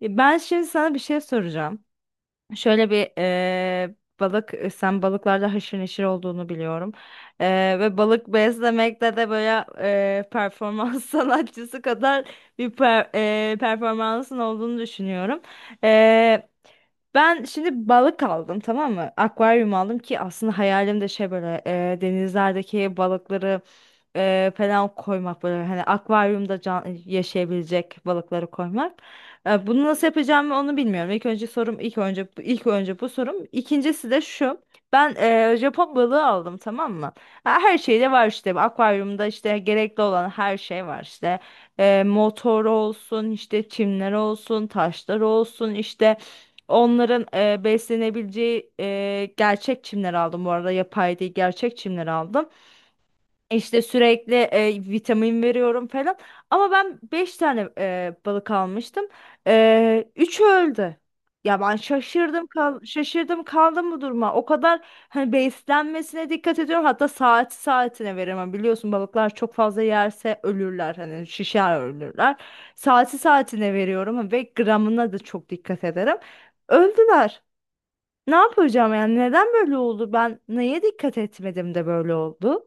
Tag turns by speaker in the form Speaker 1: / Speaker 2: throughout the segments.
Speaker 1: Ben şimdi sana bir şey soracağım. Şöyle bir balık, sen balıklarda haşır neşir olduğunu biliyorum. Ve balık beslemekte de böyle performans sanatçısı kadar bir performansın olduğunu düşünüyorum. E, Ben şimdi balık aldım, tamam mı? Akvaryum aldım ki aslında hayalim de şey böyle, denizlerdeki balıkları falan koymak, böyle hani akvaryumda can yaşayabilecek balıkları koymak. Bunu nasıl yapacağımı onu bilmiyorum. İlk önce bu sorum. İkincisi de şu. Ben Japon balığı aldım, tamam mı? Ha, her şeyde var işte. Akvaryumda işte gerekli olan her şey var işte. Motor olsun, işte çimler olsun, taşlar olsun, işte onların beslenebileceği gerçek çimler aldım bu arada. Yapay değil, gerçek çimler aldım. İşte sürekli vitamin veriyorum falan. Ama ben 5 tane balık almıştım. 3'ü öldü. Ya ben şaşırdım kaldım bu duruma. O kadar hani beslenmesine dikkat ediyorum. Hatta saat saatine veririm. Hani biliyorsun, balıklar çok fazla yerse ölürler. Hani şişer ölürler. Saati saatine veriyorum ve gramına da çok dikkat ederim. Öldüler. Ne yapacağım yani? Neden böyle oldu? Ben neye dikkat etmedim de böyle oldu?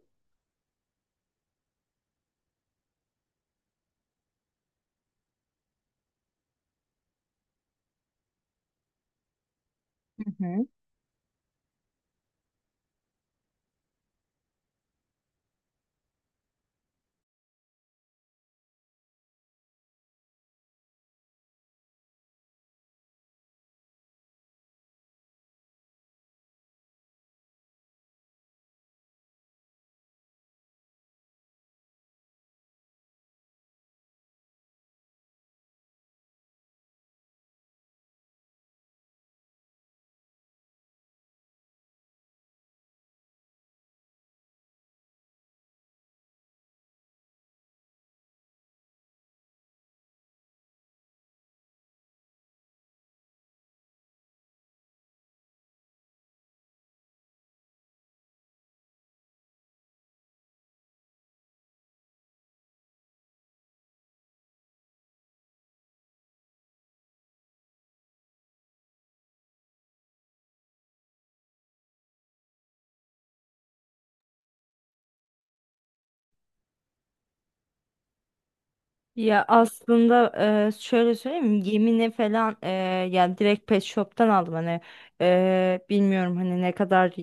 Speaker 1: Ya aslında şöyle söyleyeyim, yemine falan yani direkt pet shop'tan aldım, hani bilmiyorum hani ne kadar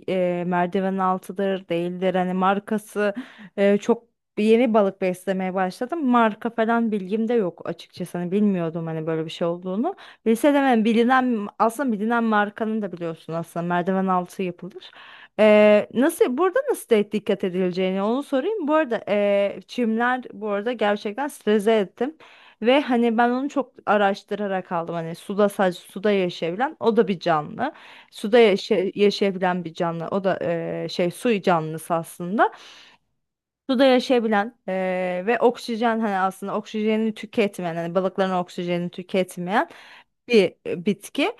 Speaker 1: merdiven altıdır değildir hani markası, çok yeni balık beslemeye başladım, marka falan bilgim de yok açıkçası, hani bilmiyordum hani böyle bir şey olduğunu, bilseydim hani bilinen, aslında bilinen markanın da biliyorsun aslında merdiven altı yapılır. Nasıl, burada nasıl de dikkat edileceğini onu sorayım. Bu arada çimler bu arada gerçekten strese ettim. Ve hani ben onu çok araştırarak aldım. Hani suda, sadece suda yaşayabilen o da bir canlı. Suda yaşayabilen bir canlı. O da şey su canlısı aslında. Suda yaşayabilen ve oksijen, hani aslında oksijenini tüketmeyen, hani balıkların oksijenini tüketmeyen bir bitki.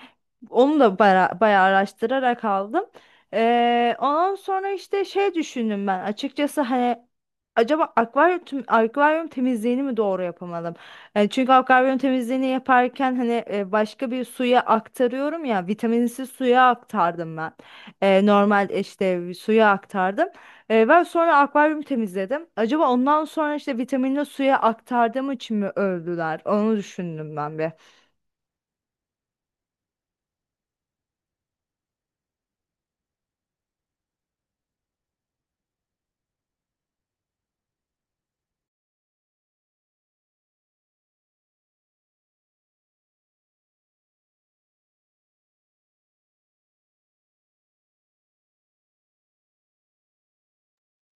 Speaker 1: Onu da bayağı araştırarak aldım. Ondan sonra işte şey düşündüm ben açıkçası, hani acaba akvaryum, akvaryum temizliğini mi doğru yapamadım? Çünkü akvaryum temizliğini yaparken hani başka bir suya aktarıyorum ya, vitaminsiz suya aktardım ben. Normal işte suya aktardım. Ben sonra akvaryum temizledim. Acaba ondan sonra işte vitaminli suya aktardığım için mi övdüler? Onu düşündüm ben bir.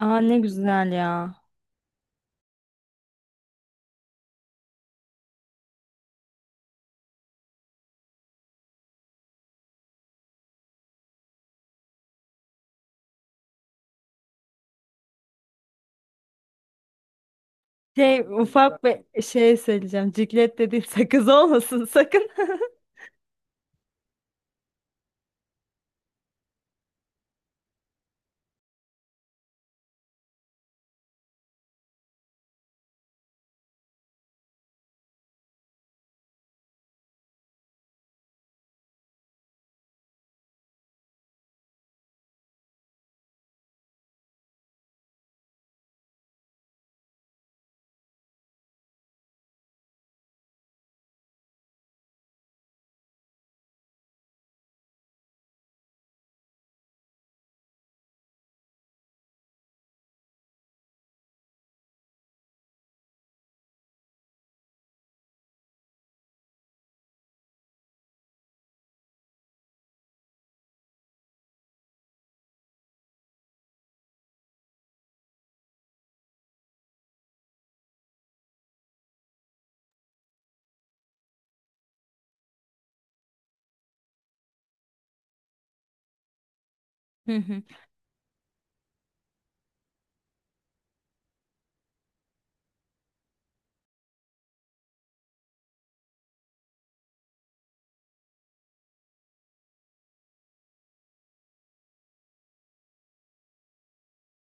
Speaker 1: Aa, ne güzel ya. Şey, ufak bir şey söyleyeceğim. Ciklet dediğin sakız olmasın sakın. Hı hı.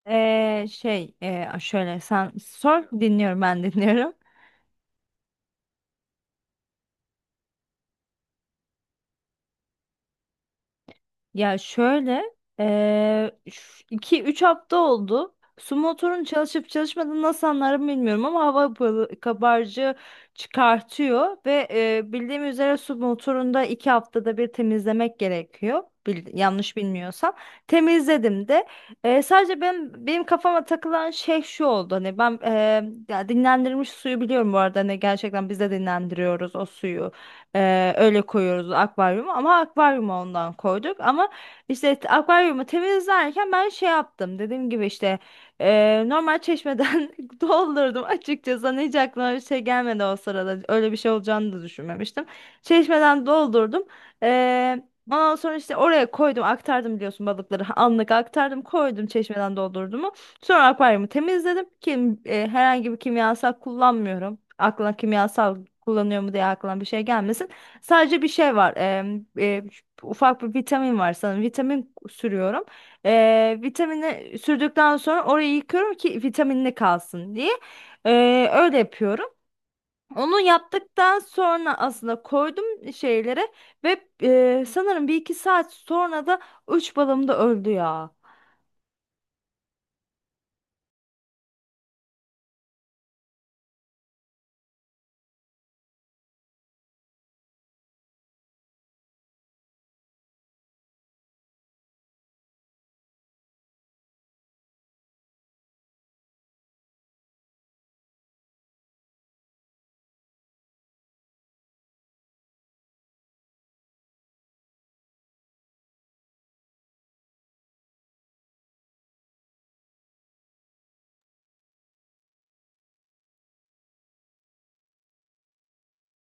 Speaker 1: Şey şöyle sen sor, dinliyorum, ben dinliyorum. Ya şöyle, eee 2-3 hafta oldu. Su motorun çalışıp çalışmadığını nasıl anlarım bilmiyorum ama hava kabarcığı çıkartıyor ve bildiğim üzere su motorunda 2 haftada bir temizlemek gerekiyor. Yanlış bilmiyorsam. Temizledim de. Sadece benim kafama takılan şey şu oldu. Hani ben, ya dinlendirilmiş suyu biliyorum bu arada. Hani gerçekten biz de dinlendiriyoruz o suyu. Öyle koyuyoruz akvaryumu, ama akvaryumu ondan koyduk ama işte akvaryumu temizlerken ben şey yaptım, dediğim gibi işte normal çeşmeden doldurdum açıkçası. Hani hiç aklıma bir şey gelmedi o sırada, öyle bir şey olacağını da düşünmemiştim, çeşmeden doldurdum. Ondan sonra işte oraya koydum, aktardım, biliyorsun, balıkları anlık aktardım, koydum, çeşmeden doldurdum. Sonra akvaryumu temizledim. Herhangi bir kimyasal kullanmıyorum. Aklına kimyasal kullanıyor mu diye aklına bir şey gelmesin. Sadece bir şey var. Ufak bir vitamin var sanırım. Vitamin sürüyorum. Vitamini sürdükten sonra orayı yıkıyorum ki vitaminli kalsın diye. Öyle yapıyorum. Onu yaptıktan sonra aslında koydum şeylere ve sanırım bir iki saat sonra da üç balım da öldü ya.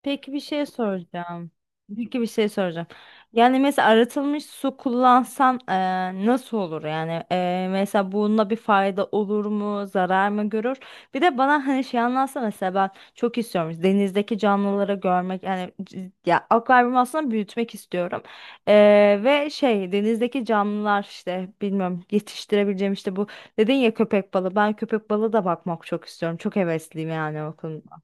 Speaker 1: Peki bir şey soracağım. Peki bir şey soracağım. Yani mesela arıtılmış su kullansan nasıl olur? Yani mesela bununla bir fayda olur mu? Zarar mı görür? Bir de bana hani şey anlatsa mesela, ben çok istiyorum. İşte denizdeki canlıları görmek yani ya akvaryumu aslında büyütmek istiyorum. Ve şey denizdeki canlılar, işte bilmiyorum yetiştirebileceğim, işte bu dedin ya köpek balığı. Ben köpek balığı da bakmak çok istiyorum. Çok hevesliyim yani o konuda.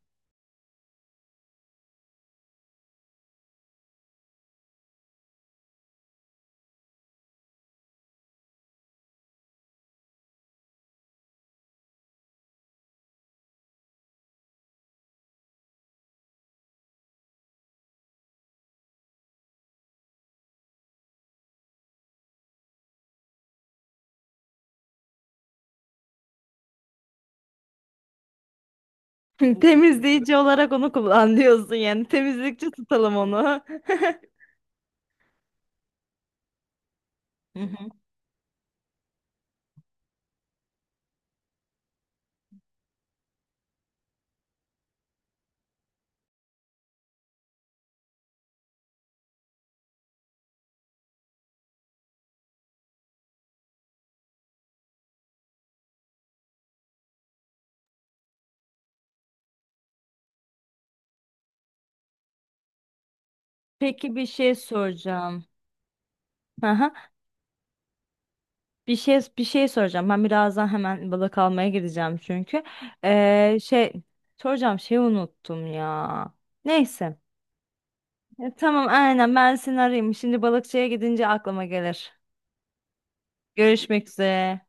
Speaker 1: Temizleyici olarak onu kullan diyorsun yani. Temizlikçi tutalım onu. Hı hı. Peki bir şey soracağım. Aha, bir şey soracağım. Ben birazdan hemen balık almaya gideceğim çünkü. Şey soracağım şeyi unuttum ya. Neyse. Tamam aynen, ben seni arayayım. Şimdi balıkçıya gidince aklıma gelir. Görüşmek üzere.